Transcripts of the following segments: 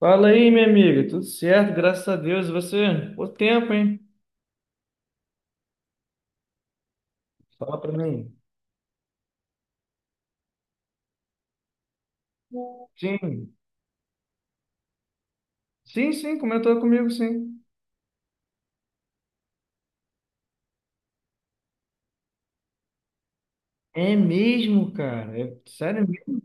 Fala aí, minha amiga. Tudo certo, graças a Deus. E você? O tempo, hein? Fala pra mim. Sim. Sim, sim, comentou comigo, sim. É mesmo, cara? É sério mesmo?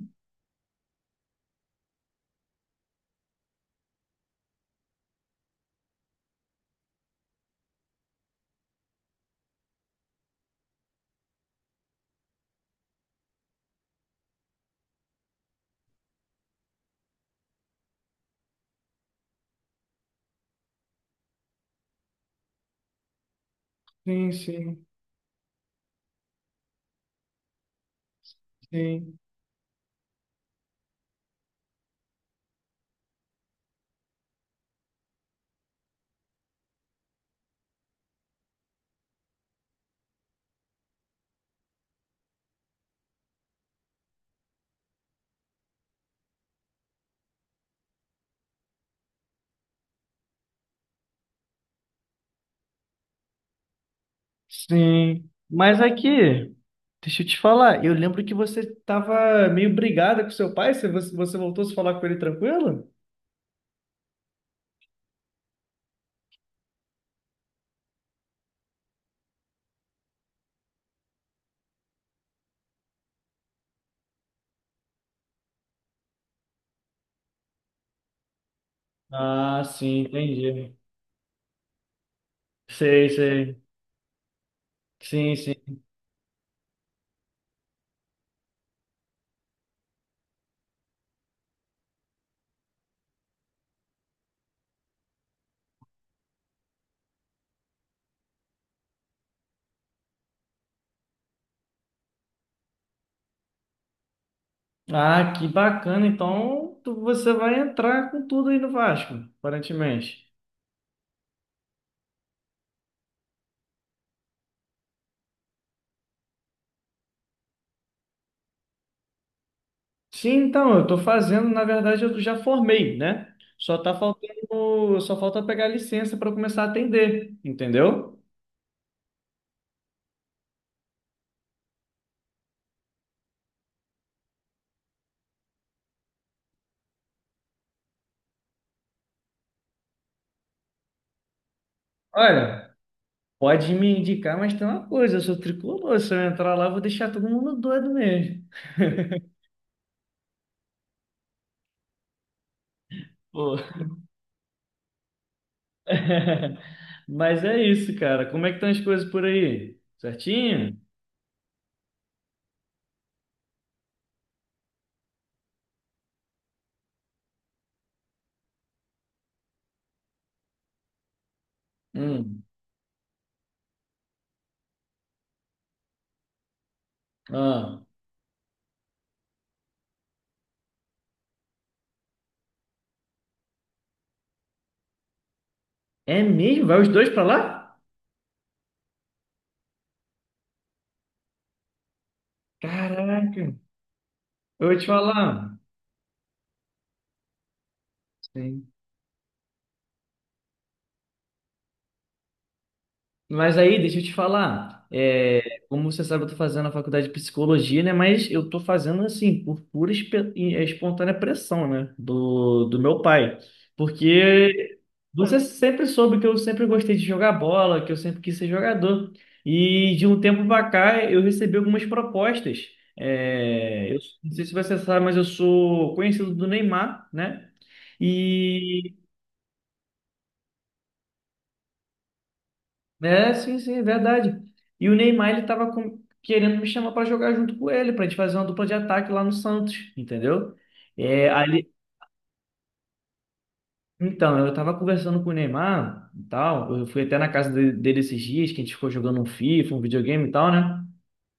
Sim, sim, sim, sim. Mas aqui, deixa eu te falar. Eu lembro que você tava meio brigada com seu pai. Você voltou a se falar com ele tranquilo? Ah, sim, entendi. Sei, sei. Sim, sim. Ah, que bacana. Então, você vai entrar com tudo aí no Vasco, aparentemente. Sim, então, eu estou fazendo, na verdade, eu já formei, né? Só falta pegar licença para começar a atender, entendeu? Olha, pode me indicar, mas tem uma coisa, eu sou tricolor, se eu entrar lá, eu vou deixar todo mundo doido mesmo. Pô. Mas é isso, cara. Como é que estão as coisas por aí? Certinho? Hum. Ah. É mesmo? Vai os dois para lá? Caraca. Eu vou te falar. Sim. Mas aí, deixa eu te falar. Como você sabe, eu tô fazendo a faculdade de psicologia, né? Mas eu tô fazendo assim, por pura espontânea pressão, né? Do meu pai. Porque você sempre soube que eu sempre gostei de jogar bola, que eu sempre quis ser jogador. E de um tempo pra cá, eu recebi algumas propostas. É, eu não sei se você sabe, mas eu sou conhecido do Neymar, né? E É, sim, sim, é verdade. E o Neymar, ele tava querendo me chamar para jogar junto com ele, para a gente fazer uma dupla de ataque lá no Santos, entendeu? É, ali... Então, eu tava conversando com o Neymar e tal, eu fui até na casa dele esses dias, que a gente ficou jogando um FIFA, um videogame e tal, né?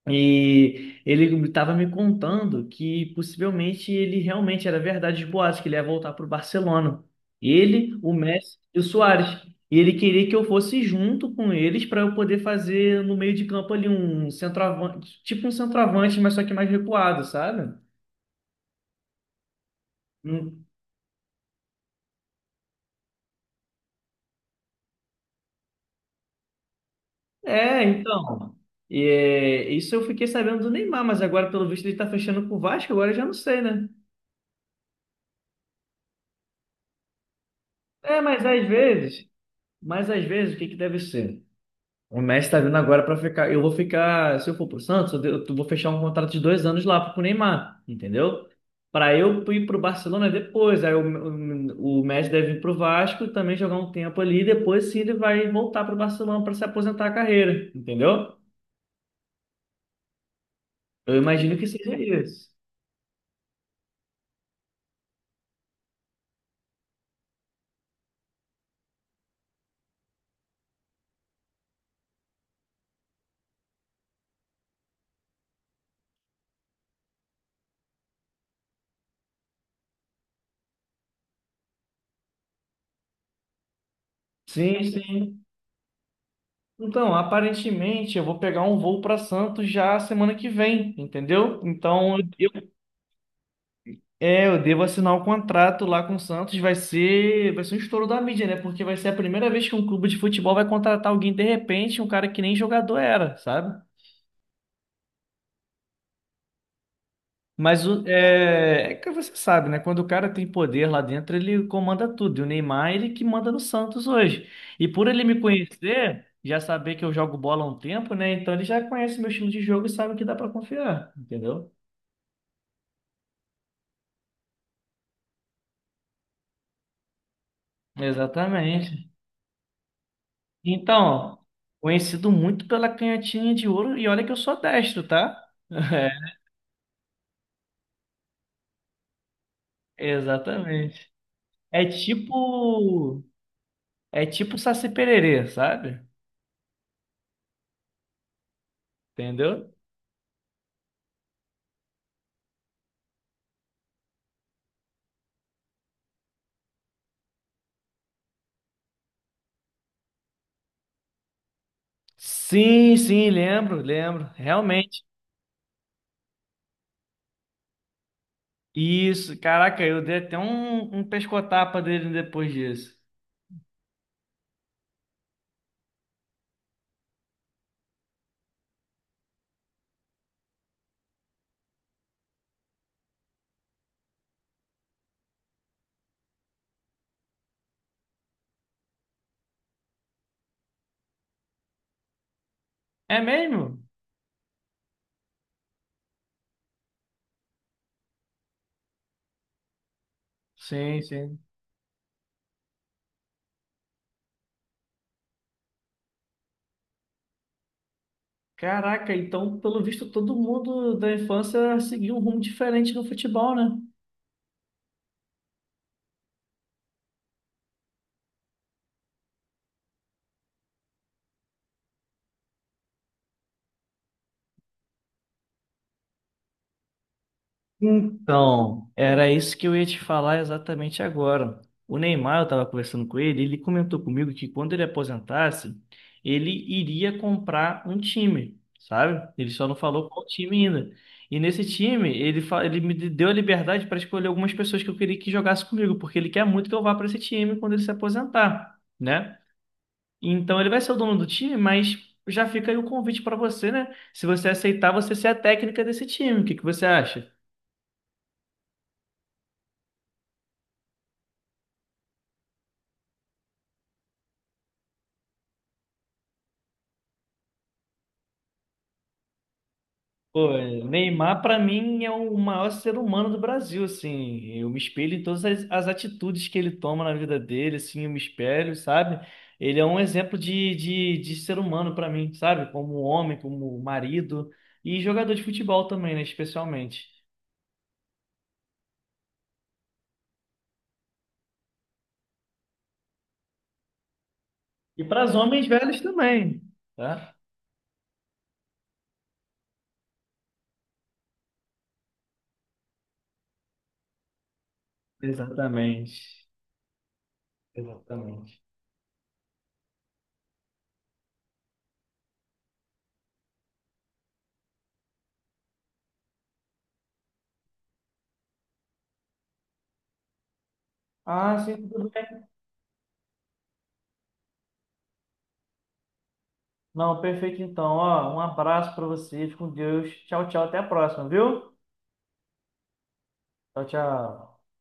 E ele estava me contando que possivelmente ele realmente era verdade de boatos, que ele ia voltar para o Barcelona. Ele, o Messi e o Suárez. E ele queria que eu fosse junto com eles para eu poder fazer no meio de campo ali um centroavante, tipo um centroavante, mas só que mais recuado, sabe? Hum. É, então. É, isso eu fiquei sabendo do Neymar, mas agora, pelo visto, ele está fechando com o Vasco, agora eu já não sei, né? É, mas às vezes, o que que deve ser? O Messi tá vindo agora pra ficar. Eu vou ficar. Se eu for pro Santos, eu vou fechar um contrato de dois anos lá pro Neymar, entendeu? Pra eu ir pro Barcelona depois. Aí o Messi deve ir pro Vasco também jogar um tempo ali. Depois sim ele vai voltar pro Barcelona pra se aposentar a carreira, entendeu? Eu imagino que seja isso. Sim, sim. Então, aparentemente eu vou pegar um voo para Santos já semana que vem, entendeu? Então eu é, eu devo assinar o contrato lá com o Santos. Vai ser um estouro da mídia, né? Porque vai ser a primeira vez que um clube de futebol vai contratar alguém de repente, um cara que nem jogador era, sabe? É que você sabe, né? Quando o cara tem poder lá dentro, ele comanda tudo. E o Neymar, ele que manda no Santos hoje. E por ele me conhecer, já saber que eu jogo bola há um tempo, né? Então ele já conhece meu estilo de jogo e sabe que dá pra confiar, entendeu? Exatamente. Então, conhecido muito pela canhotinha de ouro, e olha que eu sou destro, tá? Exatamente. É tipo. É tipo Saci Pererê, sabe? Entendeu? Sim, sim, lembro, lembro. Realmente. Isso, caraca, eu dei até um pescotapa dele depois disso. É mesmo? Sim, sim. Caraca, então, pelo visto, todo mundo da infância seguiu um rumo diferente no futebol, né? Então, era isso que eu ia te falar exatamente agora. O Neymar, eu estava conversando com ele, ele comentou comigo que quando ele aposentasse, ele iria comprar um time, sabe? Ele só não falou qual time ainda. E nesse time, ele, ele me deu a liberdade para escolher algumas pessoas que eu queria que jogasse comigo, porque ele quer muito que eu vá para esse time quando ele se aposentar, né? Então, ele vai ser o dono do time, mas já fica aí o convite para você, né? Se você aceitar, você ser a técnica desse time. O que que você acha? Pô, Neymar, para mim, é o maior ser humano do Brasil, assim. Eu me espelho em todas as atitudes que ele toma na vida dele, assim, eu me espelho, sabe? Ele é um exemplo de ser humano para mim, sabe? Como homem, como marido e jogador de futebol também, né? Especialmente. E para os homens velhos também, tá? Exatamente. Exatamente. Ah, sim, tudo bem. Não, perfeito então. Ó, um abraço pra vocês, com Deus. Tchau, tchau, até a próxima, viu? Tchau, tchau.